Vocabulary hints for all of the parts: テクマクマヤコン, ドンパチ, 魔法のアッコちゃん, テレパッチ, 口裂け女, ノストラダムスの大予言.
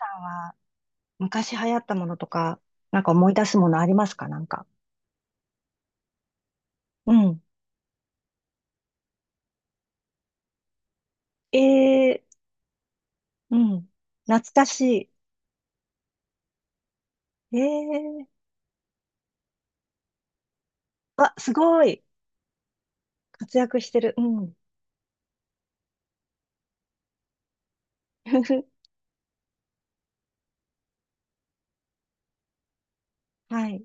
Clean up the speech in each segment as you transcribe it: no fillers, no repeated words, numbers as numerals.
は。昔流行ったものとか、なんか思い出すものありますかなんか。うん。ええ、うん。懐かしい。ええ、あ、すごい。活躍してる。うん。はい。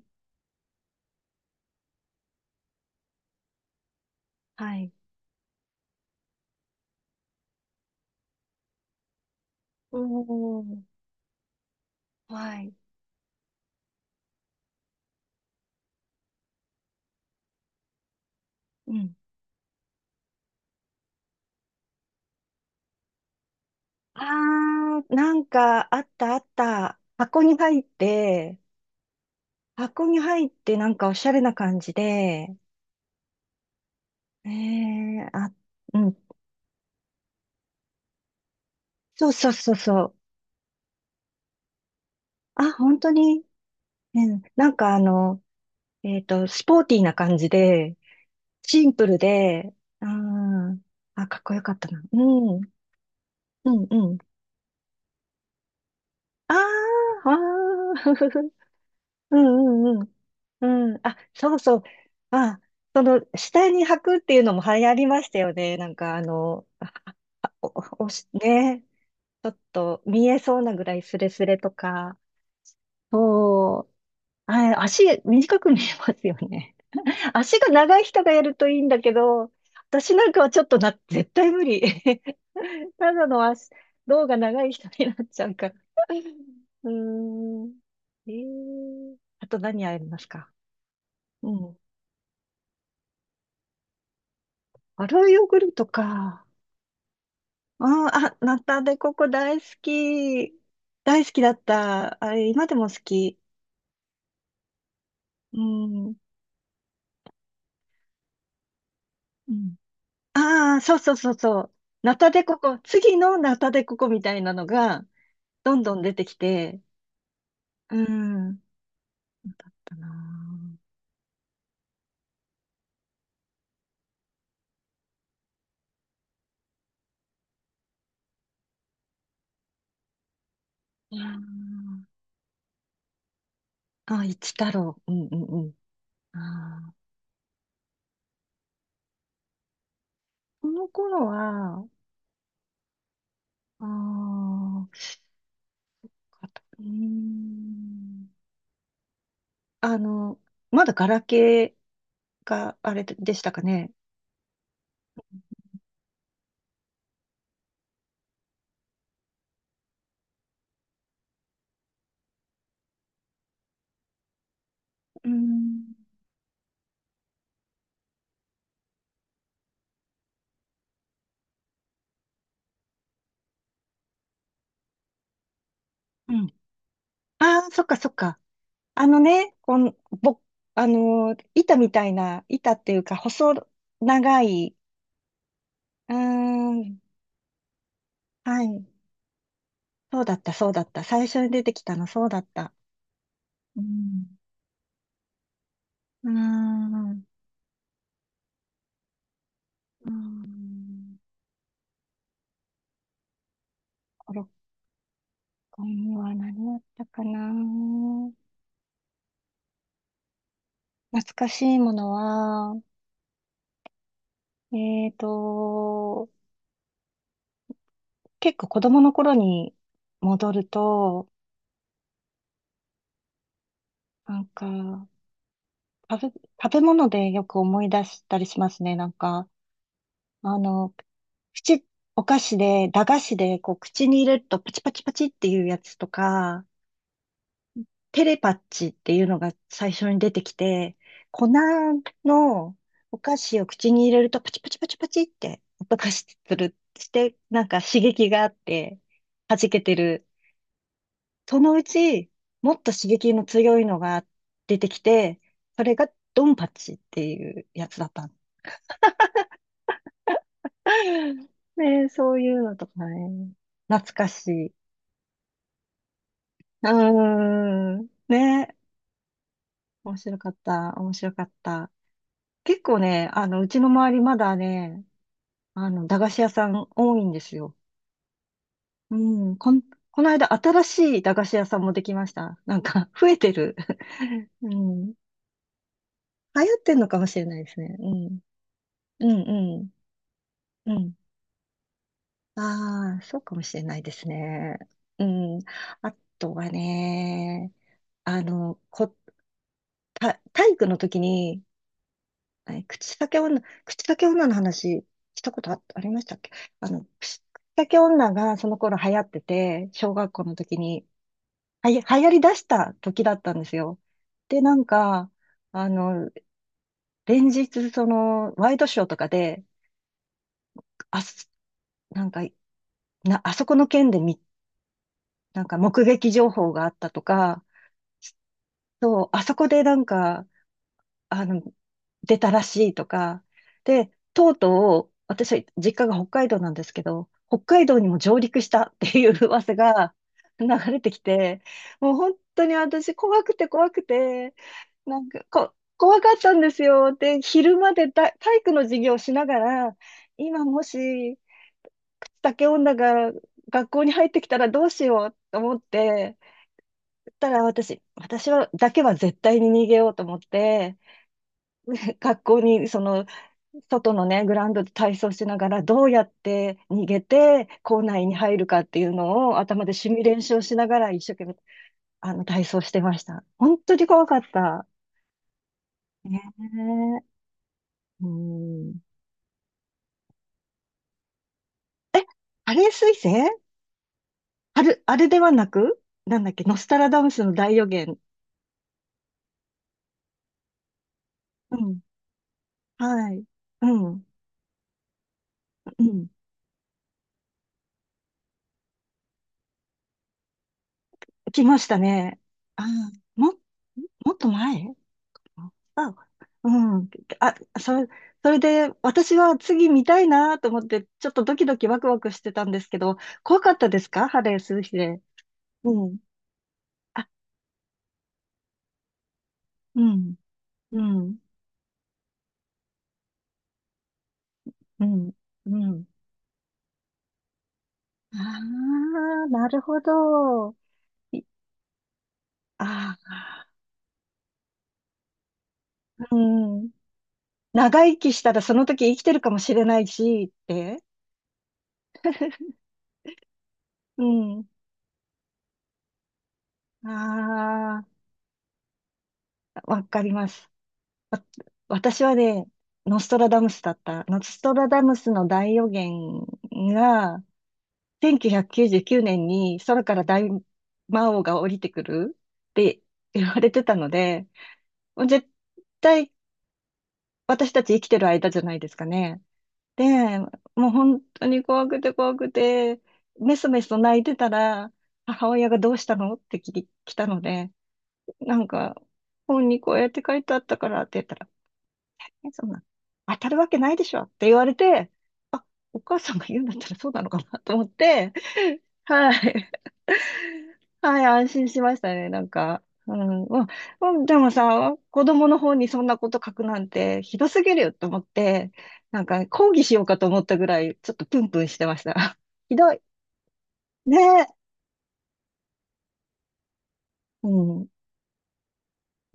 はい。おー。はい。うん。あなんか、あったあった。箱に入って、箱に入ってなんかおしゃれな感じで、ええ、あ、うん。そうそうそうそう。あ、本当に。うん。なんかスポーティーな感じで、シンプルで、あーかっこよかったな。うん、うん、うん。あーあー、うんうんうん。うん、あ、そうそう。あ、下に履くっていうのも流行りましたよね。なんか、あの、ああお、おし、ね、ちょっと見えそうなぐらいスレスレとか。そう。あ、足短く見えますよね。足が長い人がやるといいんだけど、私なんかはちょっとな、絶対無理。ただの足、胴が長い人になっちゃうから。うーん。あと何ありますか？うん。アロイヨーグルトか。うん、あ、ナタデココ大好き。大好きだった。あれ、今でも好き。うん。うん。ああ、そうそうそうそう。ナタデココ、次のナタデココみたいなのが、どんどん出てきて、うん。たなあ。ああ、一太郎。うんうんうん。ああ、この頃は、ああ、かとうーん。あの、まだガラケーがあれでしたかね。うん。うん。ああ、そっかそっか。あのね、この、ぼ、あのー、板みたいな、板っていうか、細長い、うーん、はい。そうだった、そうだった。最初に出てきたの、そうだった。うん。うーん。うーん、5、6回には何だったかな。懐かしいものは、えーと、結構子供の頃に戻ると、なんか、食べ物でよく思い出したりしますね。なんか、あの、口、お菓子で、駄菓子で、こう、口に入れるとパチパチパチっていうやつとか、テレパッチっていうのが最初に出てきて、粉のお菓子を口に入れるとパチパチパチパチって音が子する、して、なんか刺激があって弾けてる。そのうち、もっと刺激の強いのが出てきて、それがドンパチっていうやつだったの。ねえ、そういうのとかね。懐かしい。うーん。ねえ、面白かった。面白かった。結構ね、うちの周りまだね、駄菓子屋さん多いんですよ。うん、この間新しい駄菓子屋さんもできました。なんか、増えてる。うん。流行ってんのかもしれないですね。うん。うん、うん、うん。ああ、そうかもしれないですね。うん。あとはね、あの、こ、体育の時に、口裂け女の話したことありましたっけ？口裂け女がその頃流行ってて、小学校の時に、流行り出した時だったんですよ。で、なんか、あの、連日、ワイドショーとかで、あす、なんか、あそこの件でなんか目撃情報があったとか、そう、あそこでなんか、あの、出たらしいとか。で、とうとう、私は実家が北海道なんですけど、北海道にも上陸したっていう噂が流れてきて、もう本当に私怖くて怖くて、なんか怖かったんですよ。で、昼まで体育の授業をしながら、今もし、口竹女が学校に入ってきたらどうしようと思って、たら私、私は、だけは絶対に逃げようと思って、学校にその外のね、グラウンドで体操しながら、どうやって逃げて、校内に入るかっていうのを頭でシミュレーションしながら、一生懸命、体操してました。本当に怖かった。ねえ。うん。あれ彗星ある、あれではなく、なんだっけ、ノスタラダムスの大予言。うん。はい。うん。うん。来ましたね。あー、も、もっと前。あ、うん。あ、それで、私は次見たいなと思って、ちょっとドキドキワクワクしてたんですけど、怖かったですか？ハレーする日で。うん。あ、うん、うん、うん、うん。ああ、なるほど。いああ、うん。長生きしたらその時生きてるかもしれないし、って。うん。ああ、わかります。わ私はね、ノストラダムスだった。ノストラダムスの大予言が、1999年に空から大魔王が降りてくるって言われてたので、もう絶対私たち生きてる間じゃないですかね。で、もう本当に怖くて怖くて、メソメソ泣いてたら、母親がどうしたのって聞き来たので、なんか、本にこうやって書いてあったからって言ったら、え、そんな、当たるわけないでしょって言われて、あ、お母さんが言うんだったらそうなのかなと思って、はい。はい、安心しましたね、なんか。うん、まあ、うんでもさ、子供の方にそんなこと書くなんてひどすぎるよと思って、なんか抗議しようかと思ったぐらい、ちょっとプンプンしてました。ひどい。ねえ。うん。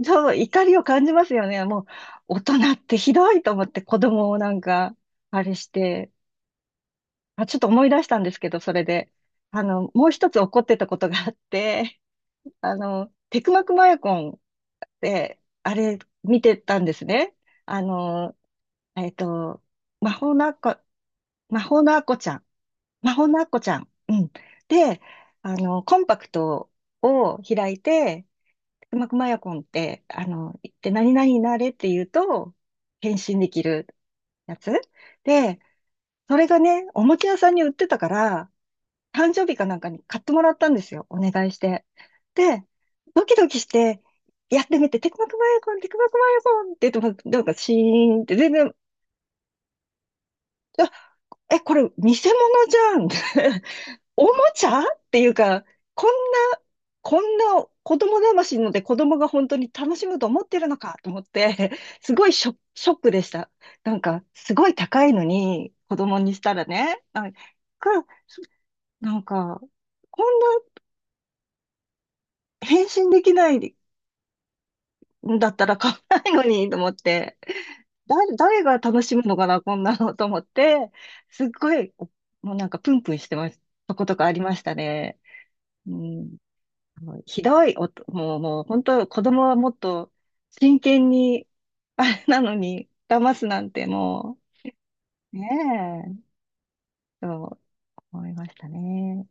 そう、怒りを感じますよね。もう、大人ってひどいと思って子供をなんか、あれして、あ、ちょっと思い出したんですけど、それで。もう一つ怒ってたことがあって、テクマクマヤコンって、あれ、見てたんですね。あの、えっと、魔法のアッコ、魔法のアッコちゃん。魔法のアッコちゃん。うん。で、コンパクトを開いて、テクマクマヤコンって、言って何々になれって言うと、変身できるやつ。で、それがね、おもちゃ屋さんに売ってたから、誕生日かなんかに買ってもらったんですよ。お願いして。で、ドキドキして、やってみて、テクマクマヤコン、テクマクマヤコンって言っても、なんかシーンって全然、あ、え、これ偽物じゃん。おもちゃっていうか、こんな、こんな子供騙しので子供が本当に楽しむと思ってるのかと思って、すごいショックでした。なんか、すごい高いのに、子供にしたらね、か、なんかこんな返信できないんだったら買わないのにと思って、誰が楽しむのかな、こんなのと思って、すっごい、もうなんかプンプンしてます。とことかありましたね。うん、もうひどい、もう本当、子供はもっと真剣に、あれなのに、騙すなんてもう、ねえ、と思いましたね。